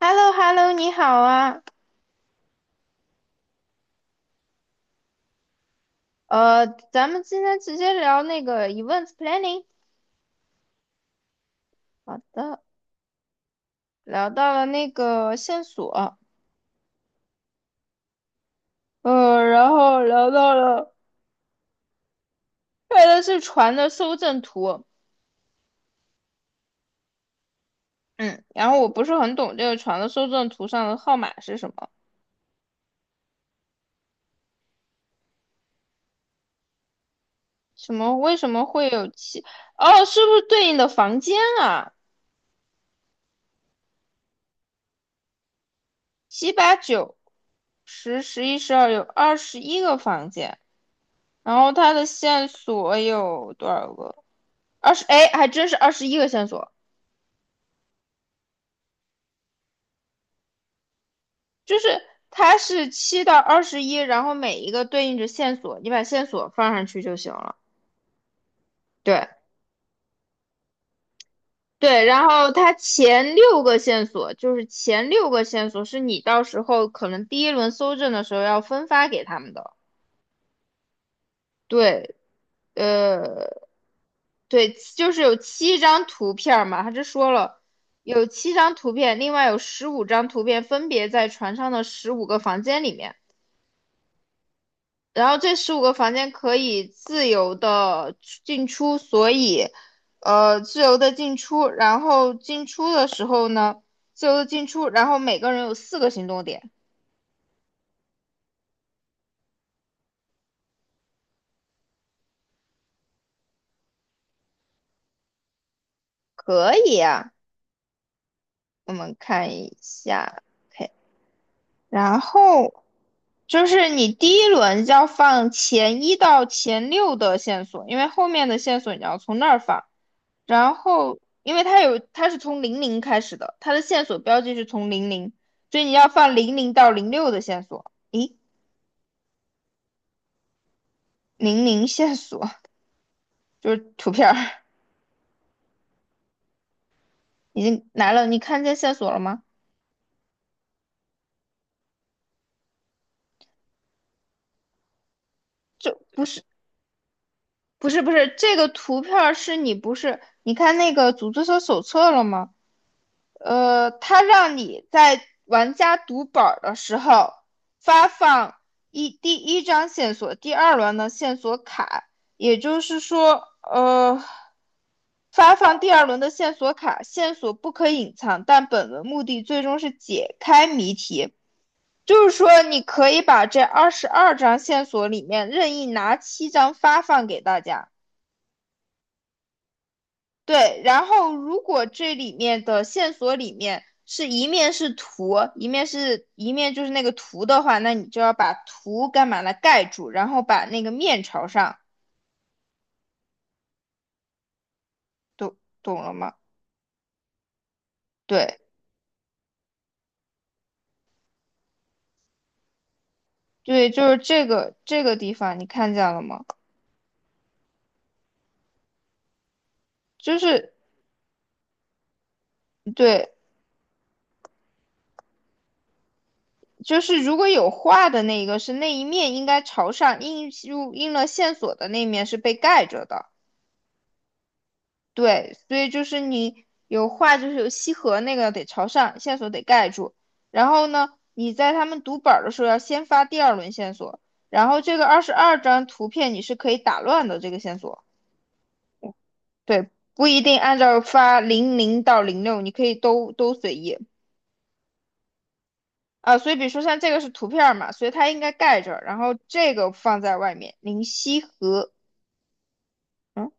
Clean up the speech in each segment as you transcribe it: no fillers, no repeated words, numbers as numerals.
h e l l o h e l l o 你好啊，咱们今天直接聊那个 events planning。好的，聊到了那个线索，然后聊到了拍的是船的搜证图，嗯，然后我不是很懂这个船的搜证图上的号码是什么，为什么会有七？哦，是不是对应的房间啊？七八九十十一十二有21个房间，然后它的线索有多少个？二十，哎，还真是21个线索，就是它是七到二十一，然后每一个对应着线索，你把线索放上去就行了。对对，然后它前六个线索是你到时候可能第一轮搜证的时候要分发给他们的。对，呃，对，就是有七张图片嘛，他这说了。有七张图片，另外有15张图片分别在船上的十五个房间里面。然后这十五个房间可以自由的进出，所以，自由的进出。然后进出的时候呢，自由的进出，然后每个人有4个行动点，可以啊。我们看一下，OK 然后就是你第一轮要放前一到前六的线索，因为后面的线索你要从那儿放。然后，因为它是从零零开始的，它的线索标记是从零零，所以你要放零零到零六的线索。咦，00线索就是图片儿，已经来了，你看见线索了吗？这不是这个图片儿是你不是你看那个组织者手册了吗？它让你在玩家读本儿的时候发放第一张线索、第二轮的线索卡，也就是说，发放第二轮的线索卡，线索不可隐藏，但本轮目的最终是解开谜题。就是说，你可以把这二十二张线索里面任意拿七张发放给大家。对，然后如果这里面的线索里面是一面是图，一面就是那个图的话，那你就要把图干嘛来盖住，然后把那个面朝上，懂懂了吗？对对，就是这个地方，你看见了吗？就是对，就是如果有画的那一个是那一面应该朝上，印入印了线索的那一面是被盖着的。对，所以就是你有画，就是有西河那个得朝上，线索得盖住。然后呢，你在他们读本儿的时候要先发第二轮线索，然后这个22张图片你是可以打乱的这个线索，对，不一定按照发零零到零六，你可以都随意啊。所以比如说像这个是图片儿嘛，所以它应该盖着，然后这个放在外面，零西河。嗯，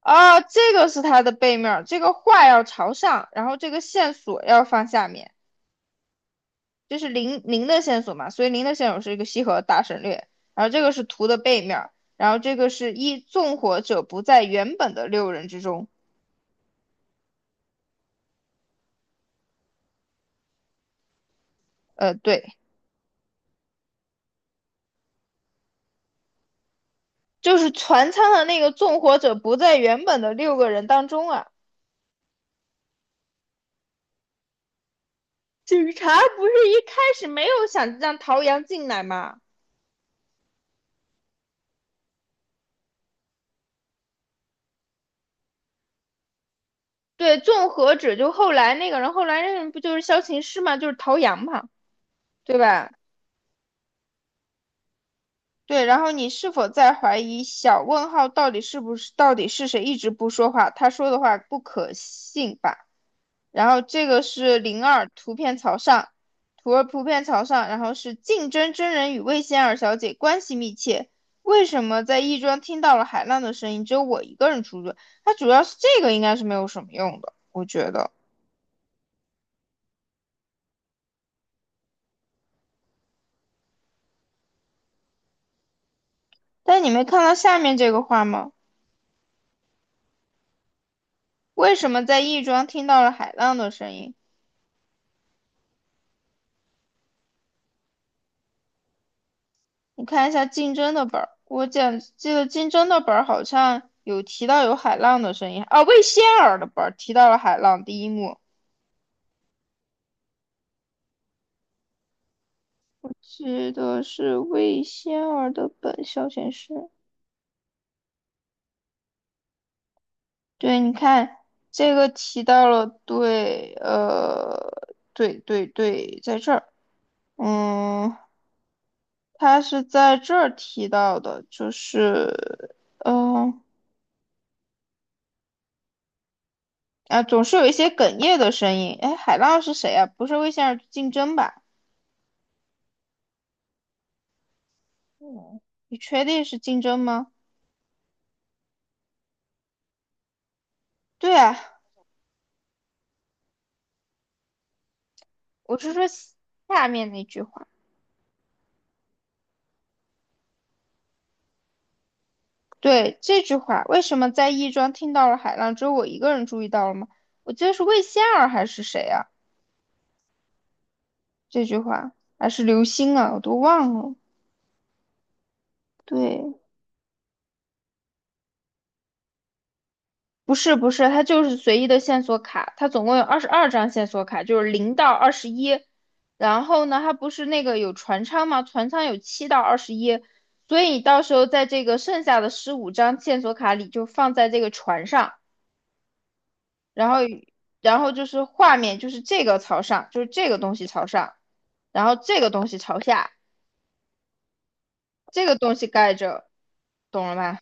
啊，这个是它的背面儿，这个画要朝上，然后这个线索要放下面。这是零零的线索嘛，所以零的线索是一个西河大省略，然后这个是图的背面然后这个是纵火者不在原本的6人之中，对，就是船舱的那个纵火者不在原本的6个人当中啊。警察不是一开始没有想让陶阳进来吗？对，纵火者就后来那个人，后来那个人不就是萧琴师嘛，就是陶阳嘛，对吧？对，然后你是否在怀疑小问号到底是谁一直不说话？他说的话不可信吧？然后这个是02图片朝上，图2图片朝上，然后是竞争真人与魏仙儿小姐关系密切，为什么在亦庄听到了海浪的声音，只有我一个人出去？它主要是这个应该是没有什么用的，我觉得。但你没看到下面这个话吗？为什么在亦庄听到了海浪的声音？你看一下竞争的本儿，我讲记得竞争的本儿好像有提到有海浪的声音啊，魏仙儿的本儿提到了海浪第一幕，是的是魏仙儿的本消遣室。对，你看这个提到了，对，对对对，在这儿，嗯，他是在这儿提到的，就是，总是有一些哽咽的声音。哎，海浪是谁啊？不是魏仙儿竞争吧？你确定是竞争吗？对啊，我是说下面那句话。对，这句话，为什么在亦庄听到了海浪，只有我一个人注意到了吗？我记得是魏仙儿还是谁啊？这句话还是刘星啊，我都忘了。对，不是不是，它就是随意的线索卡，它总共有22张线索卡，就是0到21。然后呢，它不是那个有船舱吗？船舱有七到二十一，所以你到时候在这个剩下的15张线索卡里就放在这个船上，然后就是画面就是这个朝上，就是这个东西朝上，然后这个东西朝下，这个东西盖着，懂了吗？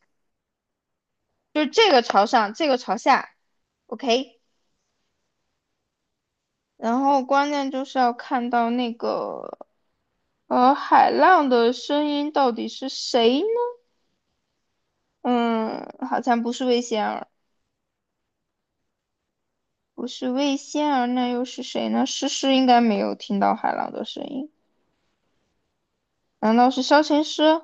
就是这个朝上，这个朝下，OK。然后关键就是要看到那个海浪的声音到底是谁呢？嗯，好像不是魏仙儿，不是魏仙儿，那又是谁呢？诗诗应该没有听到海浪的声音，难道是萧琴师？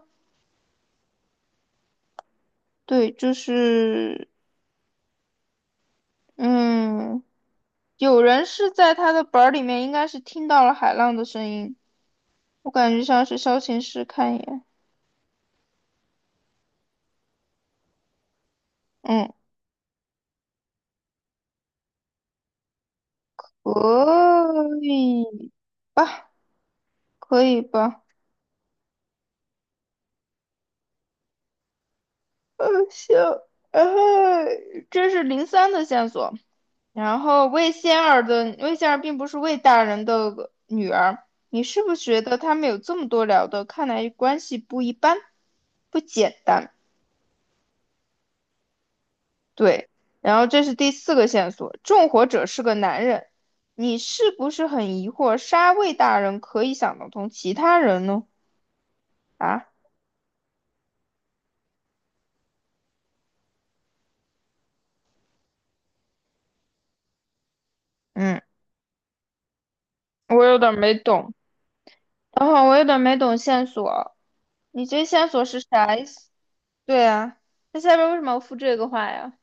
对，就是嗯，有人是在他的本儿里面应该是听到了海浪的声音，我感觉像是萧琴师，看一眼，嗯，可以吧，可以吧。行，然后这是03的线索。然后魏仙儿并不是魏大人的女儿，你是不是觉得他们有这么多聊的？看来关系不一般，不简单。对，然后这是第四个线索，纵火者是个男人，你是不是很疑惑杀魏大人可以想得通，其他人呢？啊，嗯，我有点没懂，等会儿我有点没懂线索，你这线索是啥意思？对啊，那下边为什么要附这个话呀？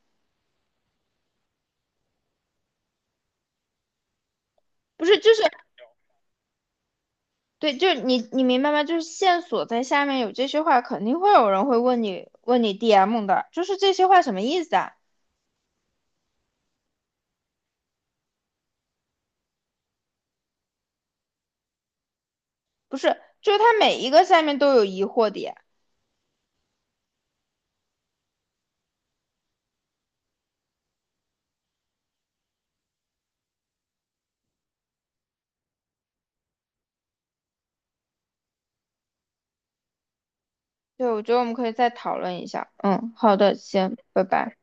不是，就是对，就是你明白吗？就是线索在下面有这些话，肯定会有人会问你，问你 DM 的，就是这些话什么意思啊？不是，就是它每一个下面都有疑惑点。对，我觉得我们可以再讨论一下。嗯，好的，行，拜拜。